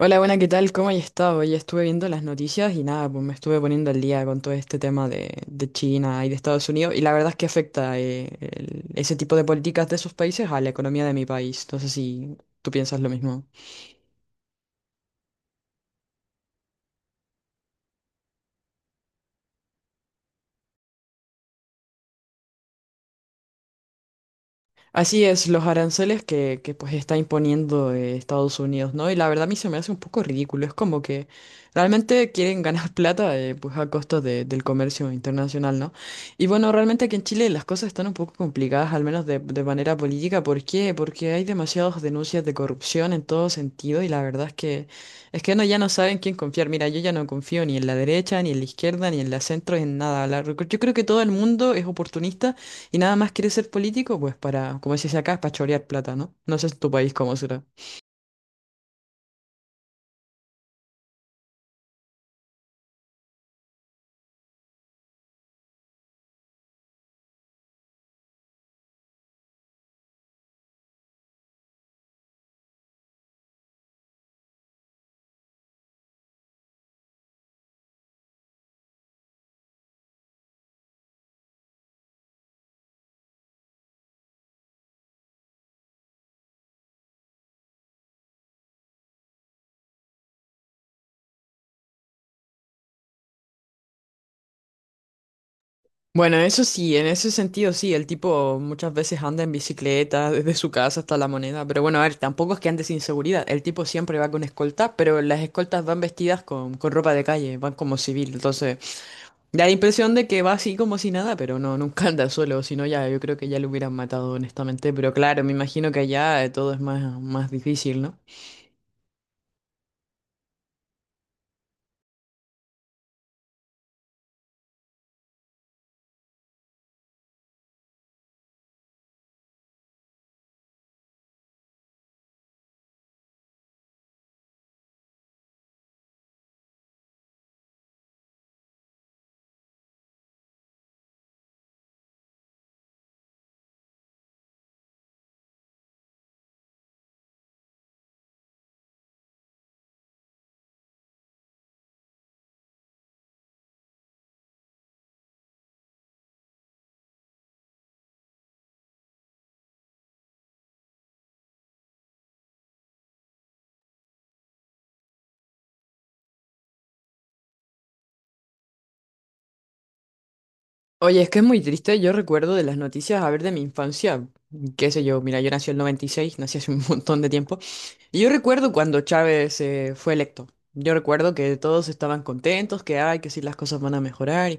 Hola, buena, ¿qué tal? ¿Cómo has estado? Hoy estuve viendo las noticias y nada, pues me estuve poniendo al día con todo este tema de China y de Estados Unidos y la verdad es que afecta ese tipo de políticas de esos países a la economía de mi país. No sé si tú piensas lo mismo. Así es, los aranceles pues está imponiendo Estados Unidos, ¿no? Y la verdad a mí se me hace un poco ridículo, es como que realmente quieren ganar plata pues a del comercio internacional, ¿no? Y bueno, realmente aquí en Chile las cosas están un poco complicadas, al menos de manera política. ¿Por qué? Porque hay demasiadas denuncias de corrupción en todo sentido y la verdad es que no, ya no saben quién confiar. Mira, yo ya no confío ni en la derecha, ni en la izquierda, ni en la centro, en nada. Yo creo que todo el mundo es oportunista. Y nada más quieres ser político, pues para, como se dice acá, es para chorear plata, ¿no? No sé en tu país cómo será. Bueno, eso sí, en ese sentido sí, el tipo muchas veces anda en bicicleta desde su casa hasta la moneda, pero bueno, a ver, tampoco es que ande sin seguridad, el tipo siempre va con escolta, pero las escoltas van vestidas con ropa de calle, van como civil, entonces da la impresión de que va así como si nada, pero no, nunca anda solo, si no ya yo creo que ya lo hubieran matado honestamente, pero claro, me imagino que allá todo es más difícil, ¿no? Oye, es que es muy triste. Yo recuerdo de las noticias, a ver, de mi infancia, qué sé yo, mira, yo nací en el 96, nací hace un montón de tiempo. Y yo recuerdo cuando Chávez fue electo. Yo recuerdo que todos estaban contentos, que ay, que sí, las cosas van a mejorar.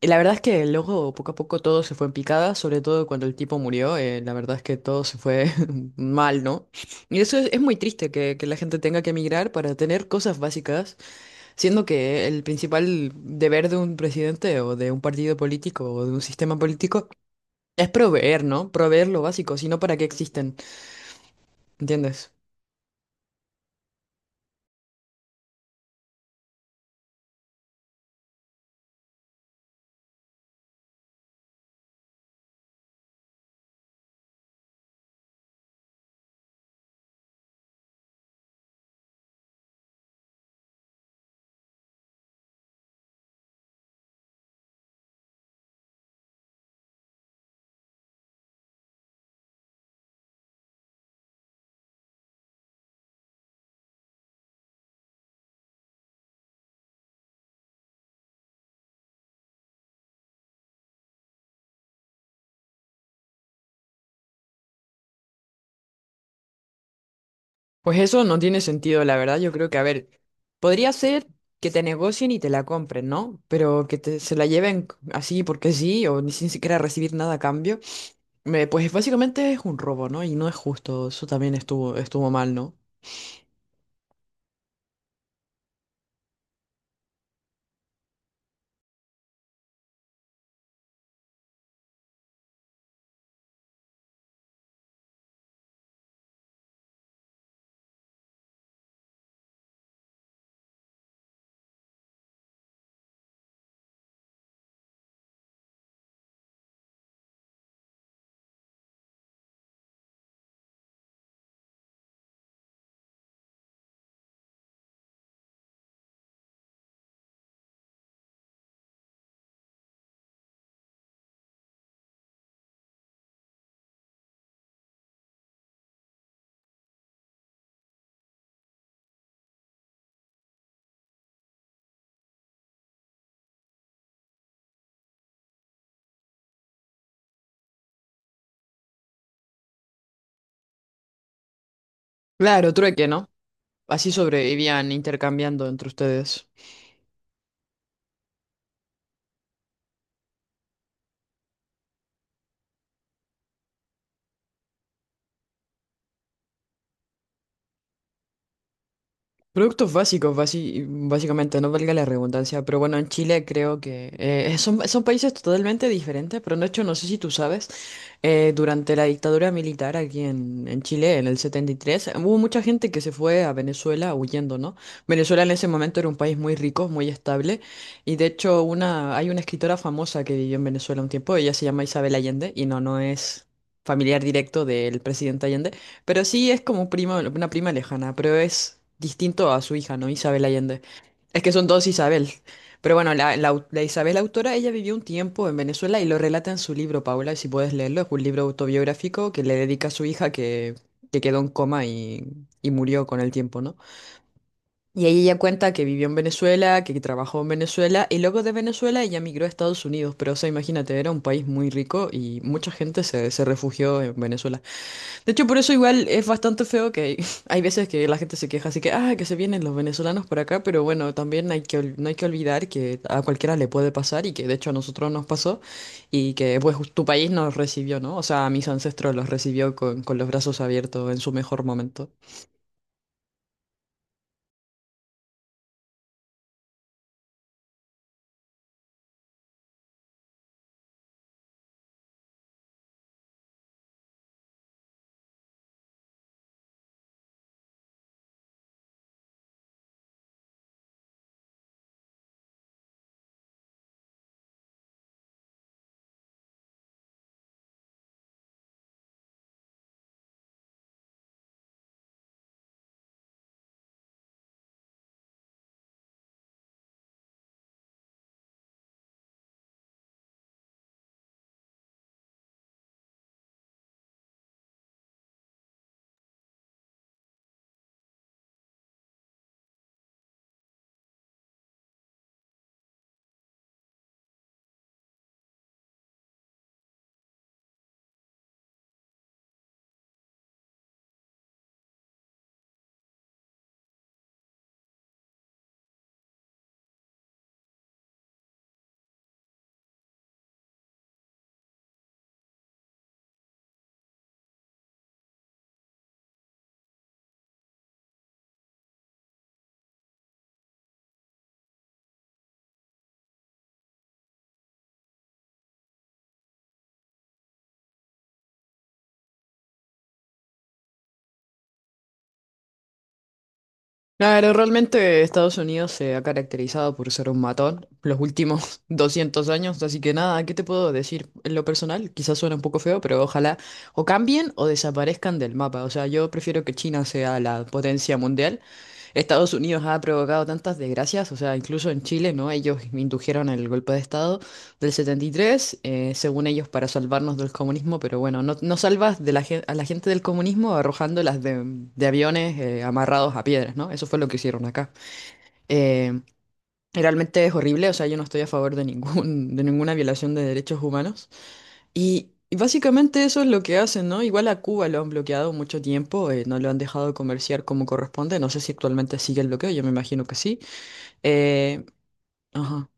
Y la verdad es que luego, poco a poco, todo se fue en picada, sobre todo cuando el tipo murió. La verdad es que todo se fue mal, ¿no? Y eso es muy triste, que la gente tenga que emigrar para tener cosas básicas. Siendo que el principal deber de un presidente o de un partido político o de un sistema político es proveer, ¿no? Proveer lo básico, si no, ¿para qué existen? ¿Entiendes? Pues eso no tiene sentido, la verdad. Yo creo que, a ver, podría ser que te negocien y te la compren, ¿no? Pero que te, se la lleven así porque sí o ni sin siquiera recibir nada a cambio, pues básicamente es un robo, ¿no? Y no es justo. Eso también estuvo mal, ¿no? Claro, trueque, ¿no? Así sobrevivían intercambiando entre ustedes. Productos básicos, básicamente, no valga la redundancia, pero bueno, en Chile creo que son países totalmente diferentes, pero de hecho no sé si tú sabes, durante la dictadura militar aquí en Chile, en el 73 hubo mucha gente que se fue a Venezuela huyendo, ¿no? Venezuela en ese momento era un país muy rico, muy estable, y de hecho una, hay una escritora famosa que vivió en Venezuela un tiempo, ella se llama Isabel Allende, no es familiar directo del presidente Allende. Pero sí es como prima, una prima lejana, pero es distinto a su hija, ¿no? Isabel Allende. Es que son dos Isabel. Pero bueno, la Isabel autora, ella vivió un tiempo en Venezuela y lo relata en su libro, Paula, si puedes leerlo. Es un libro autobiográfico que le dedica a su hija que quedó en coma y murió con el tiempo, ¿no? Y ahí ella cuenta que vivió en Venezuela, que trabajó en Venezuela y luego de Venezuela ella migró a Estados Unidos. Pero o sea, imagínate, era un país muy rico y mucha gente se refugió en Venezuela. De hecho, por eso igual es bastante feo que hay veces que la gente se queja, así que, ah, que se vienen los venezolanos por acá, pero bueno, también hay no hay que olvidar que a cualquiera le puede pasar y que de hecho a nosotros nos pasó y que pues tu país nos recibió, ¿no? O sea, a mis ancestros los recibió con los brazos abiertos en su mejor momento. Claro, realmente Estados Unidos se ha caracterizado por ser un matón los últimos 200 años, así que nada, ¿qué te puedo decir? En lo personal, quizás suena un poco feo, pero ojalá o cambien o desaparezcan del mapa. O sea, yo prefiero que China sea la potencia mundial. Estados Unidos ha provocado tantas desgracias, o sea, incluso en Chile, ¿no? Ellos indujeron el golpe de Estado del 73, según ellos, para salvarnos del comunismo, pero bueno, no, no salvas a la gente del comunismo arrojándolas de aviones amarrados a piedras, ¿no? Eso fue lo que hicieron acá. Eh, Realmente es horrible, o sea, yo no estoy a favor de ninguna violación de derechos humanos. Y básicamente eso es lo que hacen, ¿no? Igual a Cuba lo han bloqueado mucho tiempo, no lo han dejado comerciar como corresponde. No sé si actualmente sigue el bloqueo, yo me imagino que sí. Eh, ajá.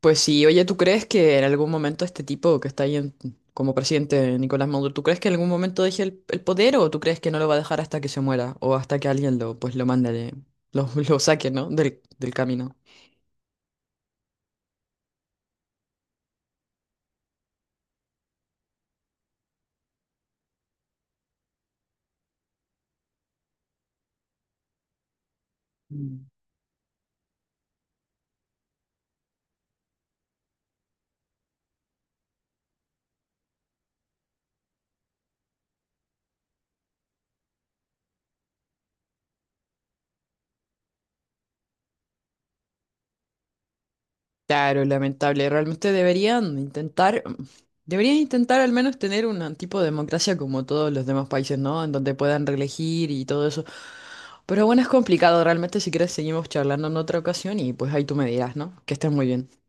Pues sí, oye, ¿tú crees que en algún momento este tipo que está como presidente Nicolás Maduro, ¿tú crees que en algún momento deje el poder o tú crees que no lo va a dejar hasta que se muera o hasta que alguien lo, pues, lo mande, de- lo, lo saque, ¿no? Del camino. Claro, lamentable. Realmente deberían intentar al menos tener un tipo de democracia como todos los demás países, ¿no? En donde puedan reelegir y todo eso. Pero bueno, es complicado. Realmente, si quieres, seguimos charlando en otra ocasión y pues ahí tú me dirás, ¿no? Que estés muy bien.